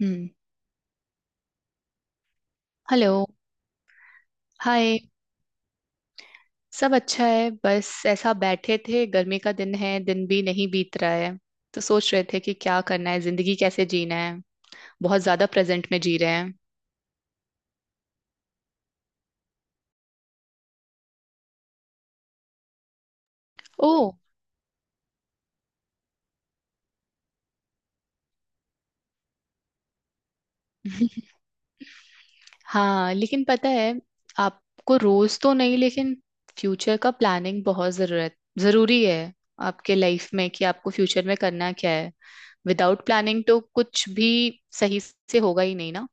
हम्म। Hello. Hi. सब अच्छा है, बस ऐसा बैठे थे, गर्मी का दिन है, दिन भी नहीं बीत रहा है। तो सोच रहे थे कि क्या करना है, जिंदगी कैसे जीना है। बहुत ज्यादा प्रेजेंट में जी रहे हैं। ओ। हाँ, लेकिन पता है आपको, रोज तो नहीं, लेकिन फ्यूचर का प्लानिंग बहुत जरूरत जरूरी है आपके लाइफ में, कि आपको फ्यूचर में करना क्या है। विदाउट प्लानिंग तो कुछ भी सही से होगा ही नहीं ना।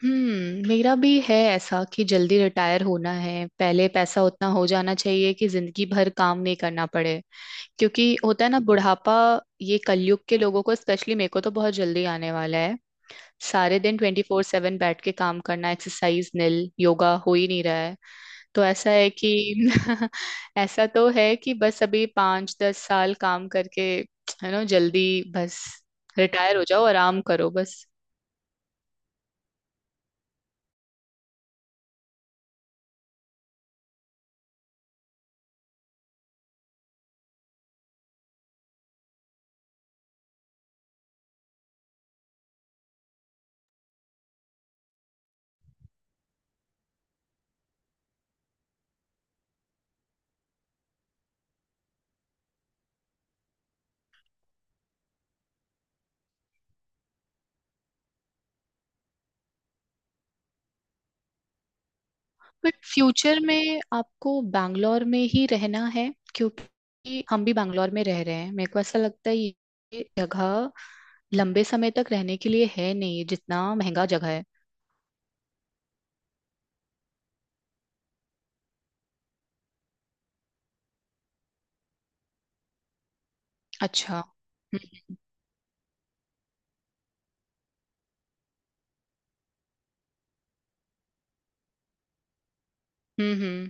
हम्म। मेरा भी है ऐसा, कि जल्दी रिटायर होना है, पहले पैसा उतना हो जाना चाहिए कि जिंदगी भर काम नहीं करना पड़े। क्योंकि होता है ना बुढ़ापा, ये कलयुग के लोगों को, स्पेशली मेरे को तो बहुत जल्दी आने वाला है। सारे दिन 24/7 बैठ के काम करना, एक्सरसाइज निल, योगा हो ही नहीं रहा है। तो ऐसा है कि ऐसा तो है कि बस अभी 5-10 साल काम करके, है ना, जल्दी, बस रिटायर हो जाओ, आराम करो बस। बट फ्यूचर में आपको बैंगलोर में ही रहना है? क्योंकि हम भी बैंगलोर में रह रहे हैं, मेरे को ऐसा लगता है ये जगह लंबे समय तक रहने के लिए है नहीं, जितना महंगा जगह है। अच्छा। हम्म। हम्म।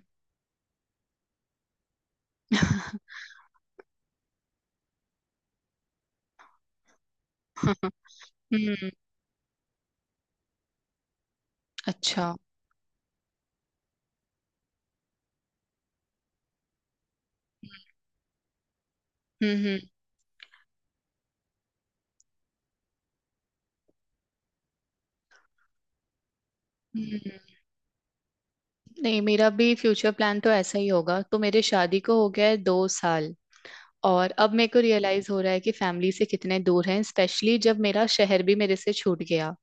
हम्म। हम्म। अच्छा। हम्म। हम्म। हम्म। नहीं मेरा भी फ्यूचर प्लान तो ऐसा ही होगा। तो मेरे शादी को हो गया है 2 साल, और अब मेरे को रियलाइज हो रहा है कि फैमिली से कितने दूर हैं, स्पेशली जब मेरा शहर भी मेरे से छूट गया।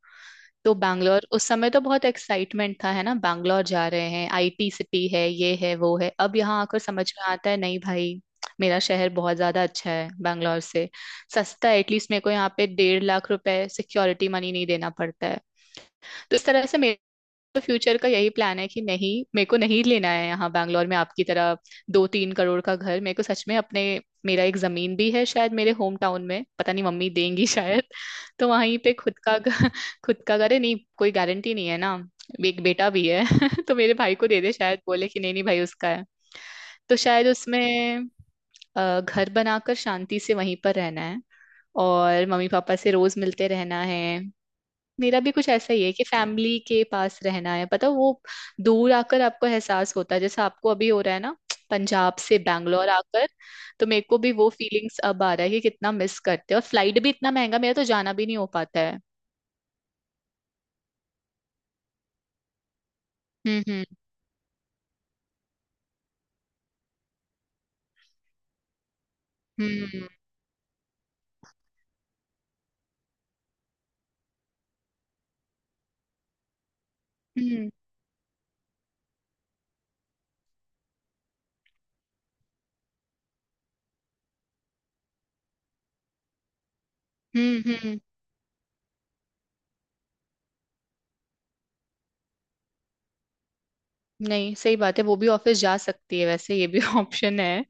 तो बैंगलोर, उस समय तो बहुत एक्साइटमेंट था, है ना, बैंगलोर जा रहे हैं, आईटी सिटी है, ये है वो है, अब यहाँ आकर समझ में आता है, नहीं भाई, मेरा शहर बहुत ज्यादा अच्छा है बैंगलोर से, सस्ता है, एटलीस्ट मेरे को यहाँ पे 1.5 लाख रुपए सिक्योरिटी मनी नहीं देना पड़ता है। तो इस तरह से, तो फ्यूचर का यही प्लान है कि नहीं मेरे को नहीं लेना है यहाँ बैंगलोर में आपकी तरह 2-3 करोड़ का घर। मेरे को सच में अपने, मेरा एक जमीन भी है शायद मेरे होम टाउन में, पता नहीं मम्मी देंगी शायद। तो वहीं पे खुद का खुद का घर है, नहीं कोई गारंटी नहीं है ना, एक बेटा भी है तो मेरे भाई को दे दे, शायद बोले कि नहीं नहीं भाई उसका है। तो शायद उसमें घर बनाकर शांति से वहीं पर रहना है और मम्मी पापा से रोज मिलते रहना है। मेरा भी कुछ ऐसा ही है कि फैमिली के पास रहना है, पता है, वो दूर आकर आपको एहसास होता है, जैसे आपको अभी हो रहा है ना पंजाब से बैंगलोर आकर, तो मेरे को भी वो फीलिंग्स अब आ रहा है कि कितना मिस करते हैं, और फ्लाइट भी इतना महंगा, मेरा तो जाना भी नहीं हो पाता है। हम्म। हम्म। हम्म। हम्म। हम्म। हम्म। नहीं सही बात है, वो भी ऑफिस जा सकती है, वैसे ये भी ऑप्शन है।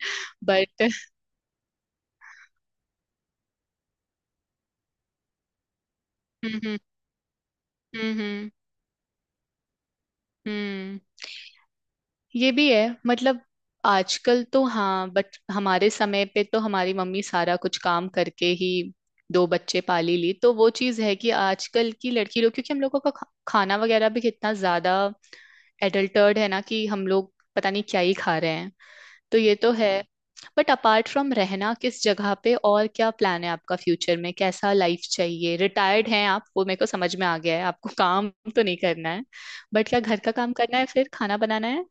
बट। हम्म। हम्म। हम्म। हम्म। हम्म। ये भी है मतलब, आजकल तो हाँ, बट हमारे समय पे तो हमारी मम्मी सारा कुछ काम करके ही दो बच्चे पाली ली। तो वो चीज है कि आजकल की लड़की लोग, क्योंकि हम लोगों का खाना वगैरह भी कितना ज्यादा एडल्टर्ड है ना, कि हम लोग पता नहीं क्या ही खा रहे हैं। तो ये तो है। बट अपार्ट फ्रॉम रहना किस जगह पे, और क्या प्लान है आपका फ्यूचर में, कैसा लाइफ चाहिए, रिटायर्ड हैं आप वो मेरे को समझ में आ गया है, आपको काम तो नहीं करना है, बट क्या घर का काम करना है फिर, खाना बनाना है?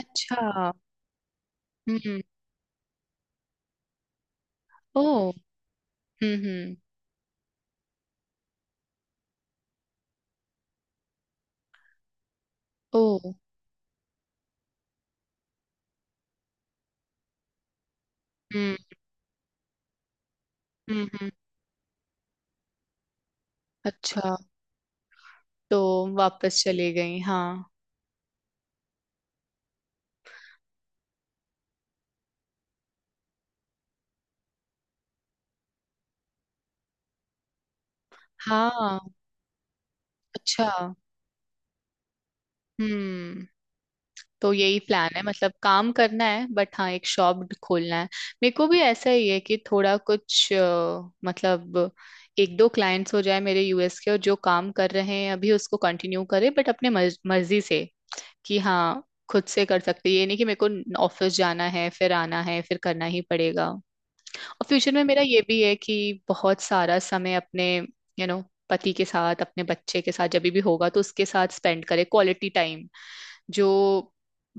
अच्छा। हम्म। ओ। हम्म। हम्म। ओ। हम्म। हम्म। हम्म। अच्छा। तो वापस चले गई? हाँ। हाँ। अच्छा। हम्म। तो यही प्लान है, मतलब काम करना है बट हाँ एक शॉप खोलना है। मेरे को भी ऐसा ही है कि थोड़ा कुछ मतलब एक दो क्लाइंट्स हो जाए मेरे यूएस के, और जो काम कर रहे हैं अभी उसको कंटिन्यू करे, बट अपने मर्जी से, कि हाँ खुद से कर सकते, ये नहीं कि मेरे को ऑफिस जाना है फिर आना है फिर करना ही पड़ेगा। और फ्यूचर में मेरा ये भी है कि बहुत सारा समय अपने यू नो पति के साथ, अपने बच्चे के साथ जब भी होगा तो उसके साथ स्पेंड करे क्वालिटी टाइम जो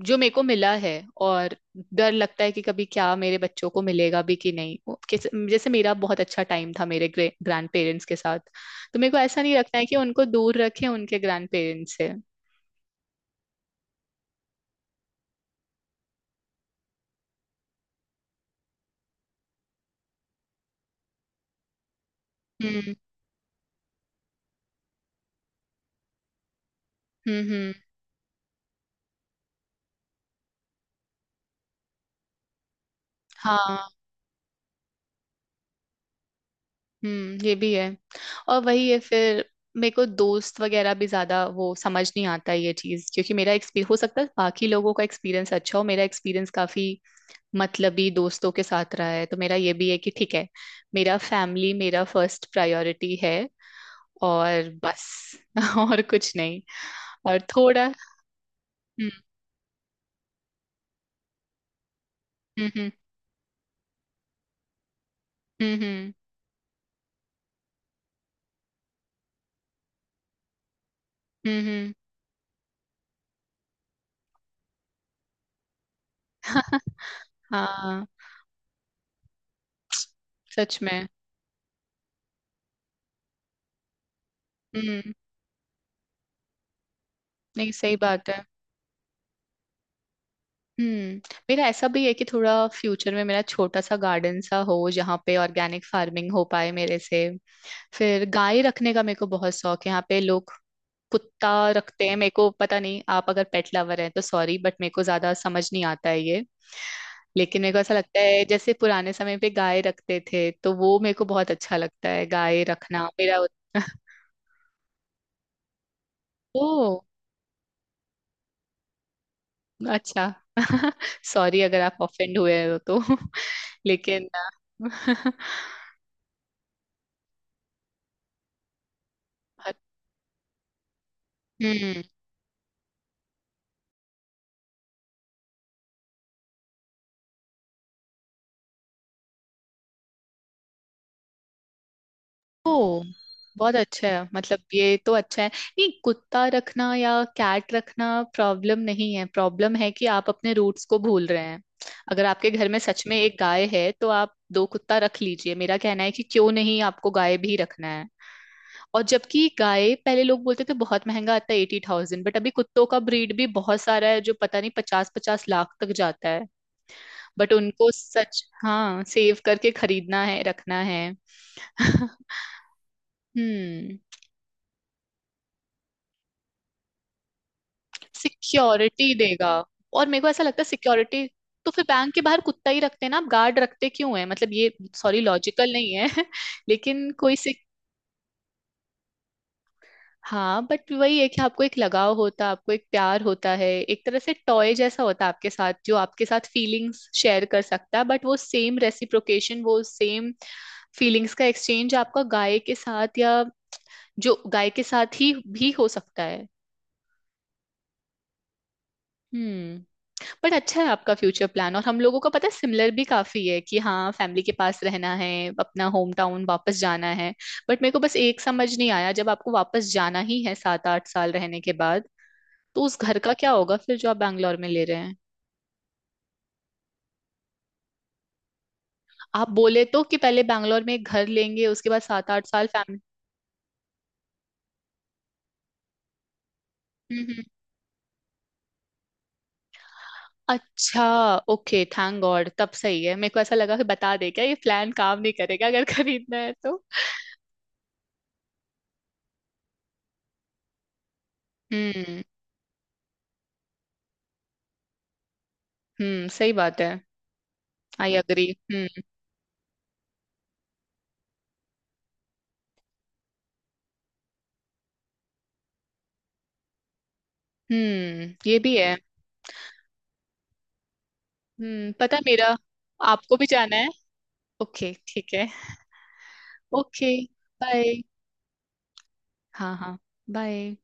जो मेरे को मिला है। और डर लगता है कि कभी क्या मेरे बच्चों को मिलेगा भी कि नहीं, वो जैसे मेरा बहुत अच्छा टाइम था मेरे ग्रैंड पेरेंट्स के साथ, तो मेरे को ऐसा नहीं रखना है कि उनको दूर रखें उनके ग्रैंड पेरेंट्स से। हम्म। हम्म। हम्म। हाँ। हम्म। ये भी है, और वही है फिर, मेरे को दोस्त वगैरह भी ज्यादा वो समझ नहीं आता है ये चीज, क्योंकि मेरा एक्सपीरियंस, हो सकता है बाकी लोगों का एक्सपीरियंस अच्छा हो, मेरा एक्सपीरियंस काफी मतलबी दोस्तों के साथ रहा है। तो मेरा ये भी है कि ठीक है, मेरा फैमिली मेरा फर्स्ट प्रायोरिटी है और बस। और कुछ नहीं। और थोड़ा। हम्म। हम्म। हम्म। हम्म। हम्म। हम्म। हाँ। सच में। हम्म। नहीं सही बात है। हम्म। मेरा ऐसा भी है कि थोड़ा फ्यूचर में मेरा छोटा सा गार्डन सा हो, जहाँ पे ऑर्गेनिक फार्मिंग हो पाए मेरे से, फिर गाय रखने का मेरे को बहुत शौक है। यहाँ पे लोग कुत्ता रखते हैं, मेरे को पता नहीं, आप अगर पेट लवर हैं तो सॉरी, बट मेरे को ज्यादा समझ नहीं आता है ये। लेकिन मेरे को ऐसा लगता है, जैसे पुराने समय पे गाय रखते थे, तो वो मेरे को बहुत अच्छा लगता है गाय रखना मेरा। ओ। अच्छा। सॉरी अगर आप ऑफेंड हुए हो तो। लेकिन। हम्म। ओ। बहुत अच्छा है, मतलब ये तो अच्छा है, नहीं कुत्ता रखना या कैट रखना प्रॉब्लम नहीं है। प्रॉब्लम है कि आप अपने रूट्स को भूल रहे हैं, अगर आपके घर में सच में एक गाय है तो आप दो कुत्ता रख लीजिए, मेरा कहना है कि क्यों नहीं आपको गाय भी रखना है। और जबकि गाय पहले, लोग बोलते थे बहुत महंगा आता है 80,000, बट अभी कुत्तों का ब्रीड भी बहुत सारा है जो पता नहीं पचास पचास लाख तक जाता है। बट उनको सच, हाँ, सेव करके खरीदना है रखना है। हम्म। सिक्योरिटी देगा, और मेरे को ऐसा लगता है सिक्योरिटी, तो फिर बैंक के बाहर कुत्ता ही रखते हैं ना आप, गार्ड रखते क्यों है, मतलब ये, सॉरी लॉजिकल नहीं है। लेकिन कोई सिक हाँ बट वही है कि आपको एक लगाव होता है, आपको एक प्यार होता है, एक तरह से टॉय जैसा होता है आपके साथ जो आपके साथ फीलिंग्स शेयर कर सकता है, बट वो सेम रेसिप्रोकेशन, वो सेम फीलिंग्स का एक्सचेंज आपका गाय के साथ या, जो गाय के साथ ही भी हो सकता है। हम्म। बट अच्छा है आपका फ्यूचर प्लान, और हम लोगों का पता है सिमिलर भी काफी है, कि हाँ फैमिली के पास रहना है, अपना होम टाउन वापस जाना है। बट मेरे को बस एक समझ नहीं आया, जब आपको वापस जाना ही है 7-8 साल रहने के बाद, तो उस घर का क्या होगा फिर जो आप बैंगलोर में ले रहे हैं? आप बोले तो कि पहले बैंगलोर में एक घर लेंगे उसके बाद 7-8 साल फैमिली। हम्म। हम्म। अच्छा। ओके, थैंक गॉड, तब सही है, मेरे को ऐसा लगा कि बता दे क्या, ये प्लान काम नहीं करेगा अगर खरीदना है तो। हम्म। हम्म, सही बात है। I agree. हम्म, ये भी है। हम्म, पता है मेरा। आपको भी जाना है? ओके ठीक है। Okay, bye. हाँ हाँ। बाय।